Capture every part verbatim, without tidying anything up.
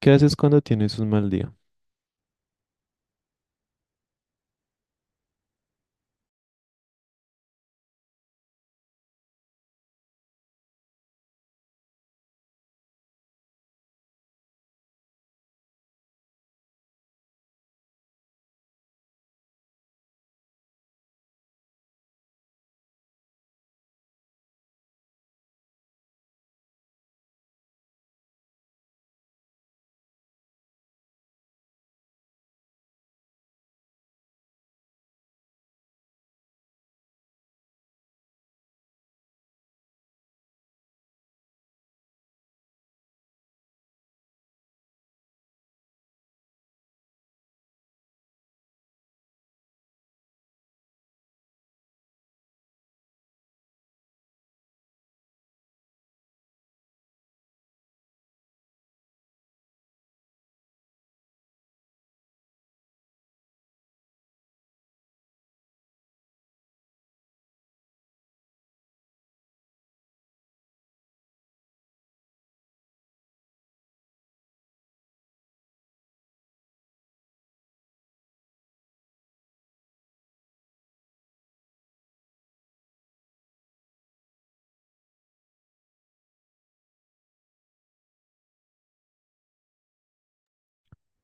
¿Qué haces cuando tienes un mal día?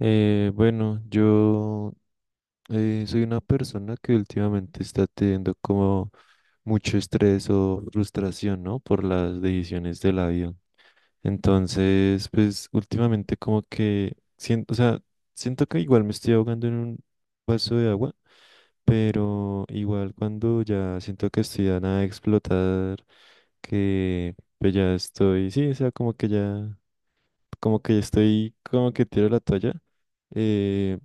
Eh, bueno, yo eh, soy una persona que últimamente está teniendo como mucho estrés o frustración, ¿no? Por las decisiones de la vida. Entonces, pues últimamente como que siento, o sea, siento que igual me estoy ahogando en un vaso de agua, pero igual cuando ya siento que estoy a nada de explotar, que pues ya estoy, sí, o sea, como que ya como que estoy, como que tiro la toalla. eh,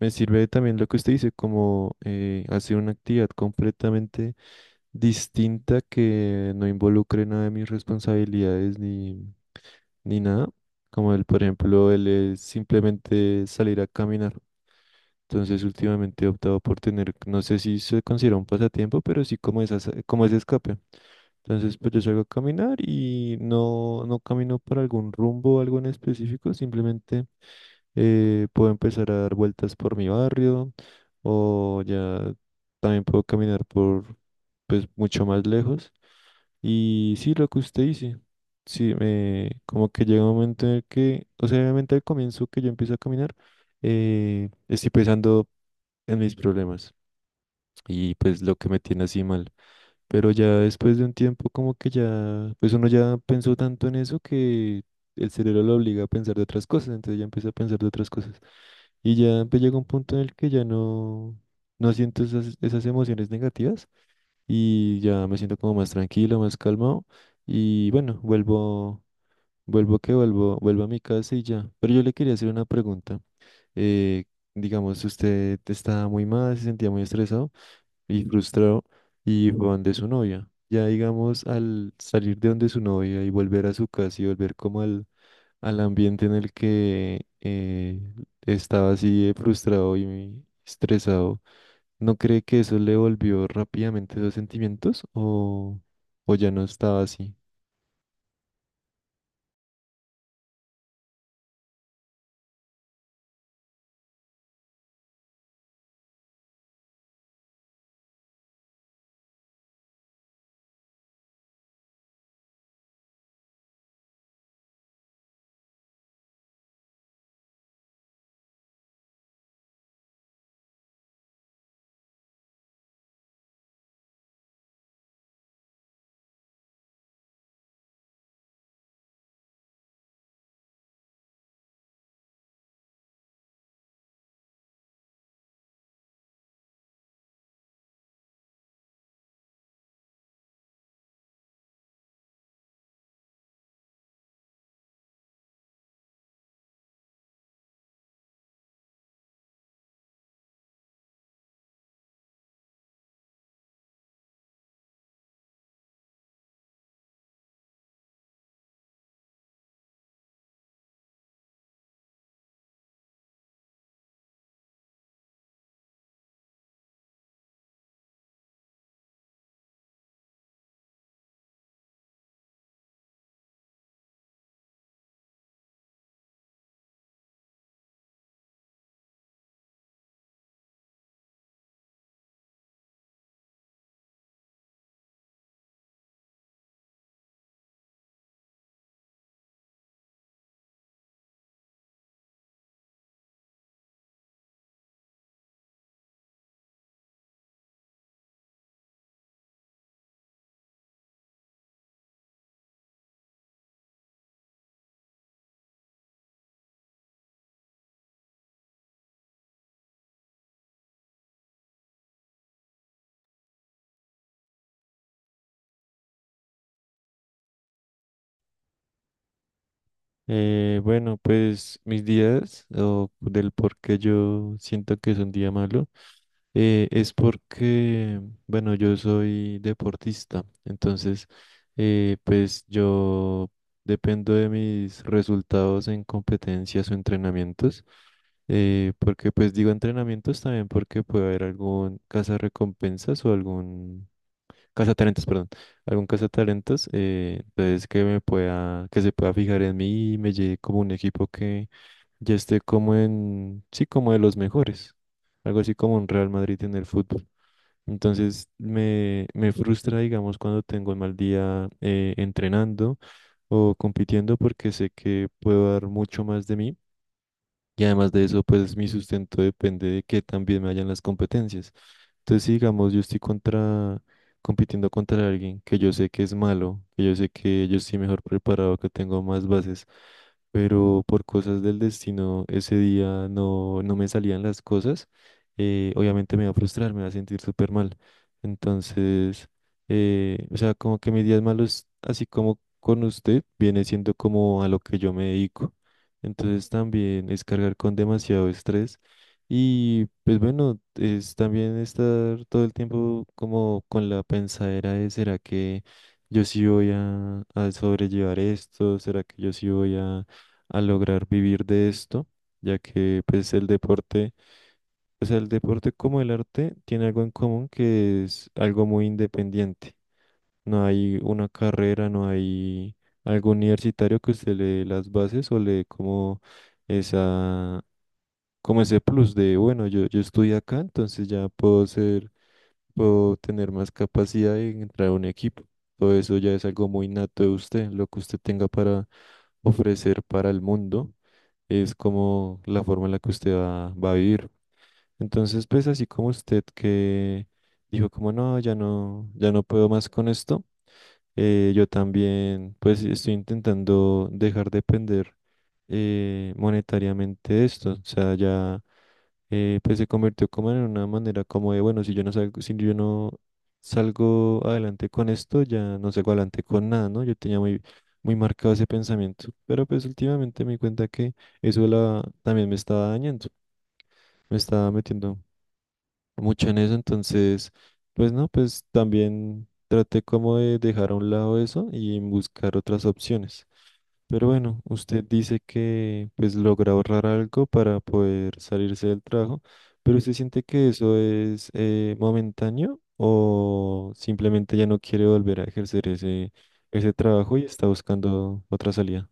Me sirve también lo que usted dice, como eh, hacer una actividad completamente distinta que no involucre nada de mis responsabilidades ni, ni nada. Como el, por ejemplo, el es simplemente salir a caminar. Entonces, últimamente he optado por tener, no sé si se considera un pasatiempo, pero sí como esa, como ese escape. Entonces, pues yo salgo a caminar y no, no camino para algún rumbo o algo en específico, simplemente eh, puedo empezar a dar vueltas por mi barrio o ya también puedo caminar por pues mucho más lejos. Y sí, lo que usted dice, sí, me, como que llega un momento en el que, o sea, obviamente al comienzo que yo empiezo a caminar, eh, estoy pensando en mis problemas y pues lo que me tiene así mal. Pero ya después de un tiempo como que ya, pues uno ya pensó tanto en eso que el cerebro lo obliga a pensar de otras cosas, entonces ya empieza a pensar de otras cosas. Y ya pues llega un punto en el que ya no, no siento esas, esas emociones negativas y ya me siento como más tranquilo, más calmado y bueno, vuelvo, vuelvo que vuelvo, vuelvo a mi casa y ya. Pero yo le quería hacer una pregunta. Eh, digamos, usted estaba muy mal, se sentía muy estresado y frustrado y fue donde su novia. Ya digamos, al salir de donde su novia y volver a su casa y volver como al, al ambiente en el que eh, estaba así de frustrado y estresado, ¿no cree que eso le volvió rápidamente esos sentimientos o, o ya no estaba así? Eh, bueno, pues mis días o del por qué yo siento que es un día malo. Eh, es porque, bueno, yo soy deportista, entonces, eh, pues yo dependo de mis resultados en competencias o entrenamientos, eh, porque pues digo entrenamientos también porque puede haber algún cazarrecompensas o algún Cazatalentos, perdón. Algún cazatalentos, eh, entonces que me pueda, que se pueda fijar en mí y me lleve como un equipo que ya esté como en, sí, como de los mejores. Algo así como un Real Madrid en el fútbol. Entonces me, me frustra, digamos, cuando tengo un mal día eh, entrenando o compitiendo porque sé que puedo dar mucho más de mí y además de eso, pues mi sustento depende de que también me hayan las competencias. Entonces, si digamos, yo estoy contra, compitiendo contra alguien que yo sé que es malo, que yo sé que yo estoy mejor preparado, que tengo más bases, pero por cosas del destino, ese día no, no me salían las cosas, eh, obviamente me va a frustrar, me va a sentir súper mal. Entonces, eh, o sea, como que mis días malos, así como con usted, viene siendo como a lo que yo me dedico. Entonces también es cargar con demasiado estrés y pues bueno, es también estar todo el tiempo como con la pensadera de ¿será que yo sí voy a, a sobrellevar esto? ¿Será que yo sí voy a, a lograr vivir de esto? Ya que pues el deporte, o sea, el deporte como el arte tiene algo en común que es algo muy independiente. No hay una carrera, no hay algo universitario que usted le dé las bases o le dé como esa, como ese plus de, bueno, yo, yo estudié acá, entonces ya puedo ser, puedo tener más capacidad de entrar a un equipo. Todo eso ya es algo muy nato de usted, lo que usted tenga para ofrecer para el mundo es como la forma en la que usted va, va a vivir. Entonces, pues así como usted que dijo como no, ya no, ya no puedo más con esto. Eh, yo también, pues estoy intentando dejar de depender eh, monetariamente de esto. O sea, ya eh, pues se convirtió como en una manera como de, bueno, si yo no salgo, si yo no salgo adelante con esto, ya no salgo adelante con nada, ¿no? Yo tenía muy, muy marcado ese pensamiento. Pero pues últimamente me di cuenta que eso la, también me estaba dañando, me estaba metiendo mucho en eso, entonces, pues no, pues también traté como de dejar a un lado eso y buscar otras opciones. Pero bueno, usted dice que pues logra ahorrar algo para poder salirse del trabajo, pero ¿usted siente que eso es eh, momentáneo o simplemente ya no quiere volver a ejercer ese, ese trabajo y está buscando otra salida?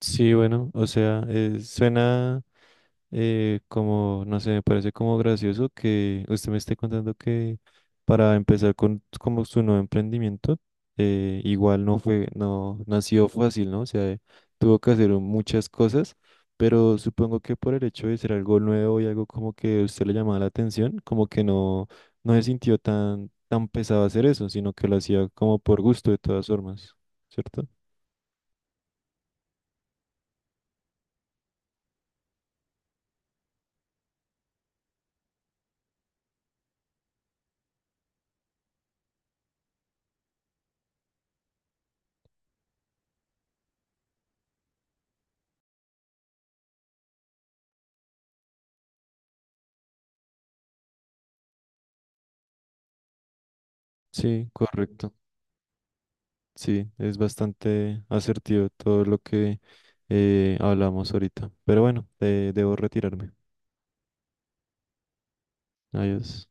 Sí, bueno, o sea, eh, suena... eh, como, no sé, me parece como gracioso que usted me esté contando que para empezar con como su nuevo emprendimiento, eh, igual no fue, no, no ha sido fácil, ¿no? O sea, eh, tuvo que hacer muchas cosas, pero supongo que por el hecho de ser algo nuevo y algo como que a usted le llamaba la atención, como que no, no se sintió tan, tan pesado hacer eso, sino que lo hacía como por gusto de todas formas, ¿cierto? Sí, correcto. Sí, es bastante asertivo todo lo que eh, hablamos ahorita. Pero bueno, eh, debo retirarme. Adiós.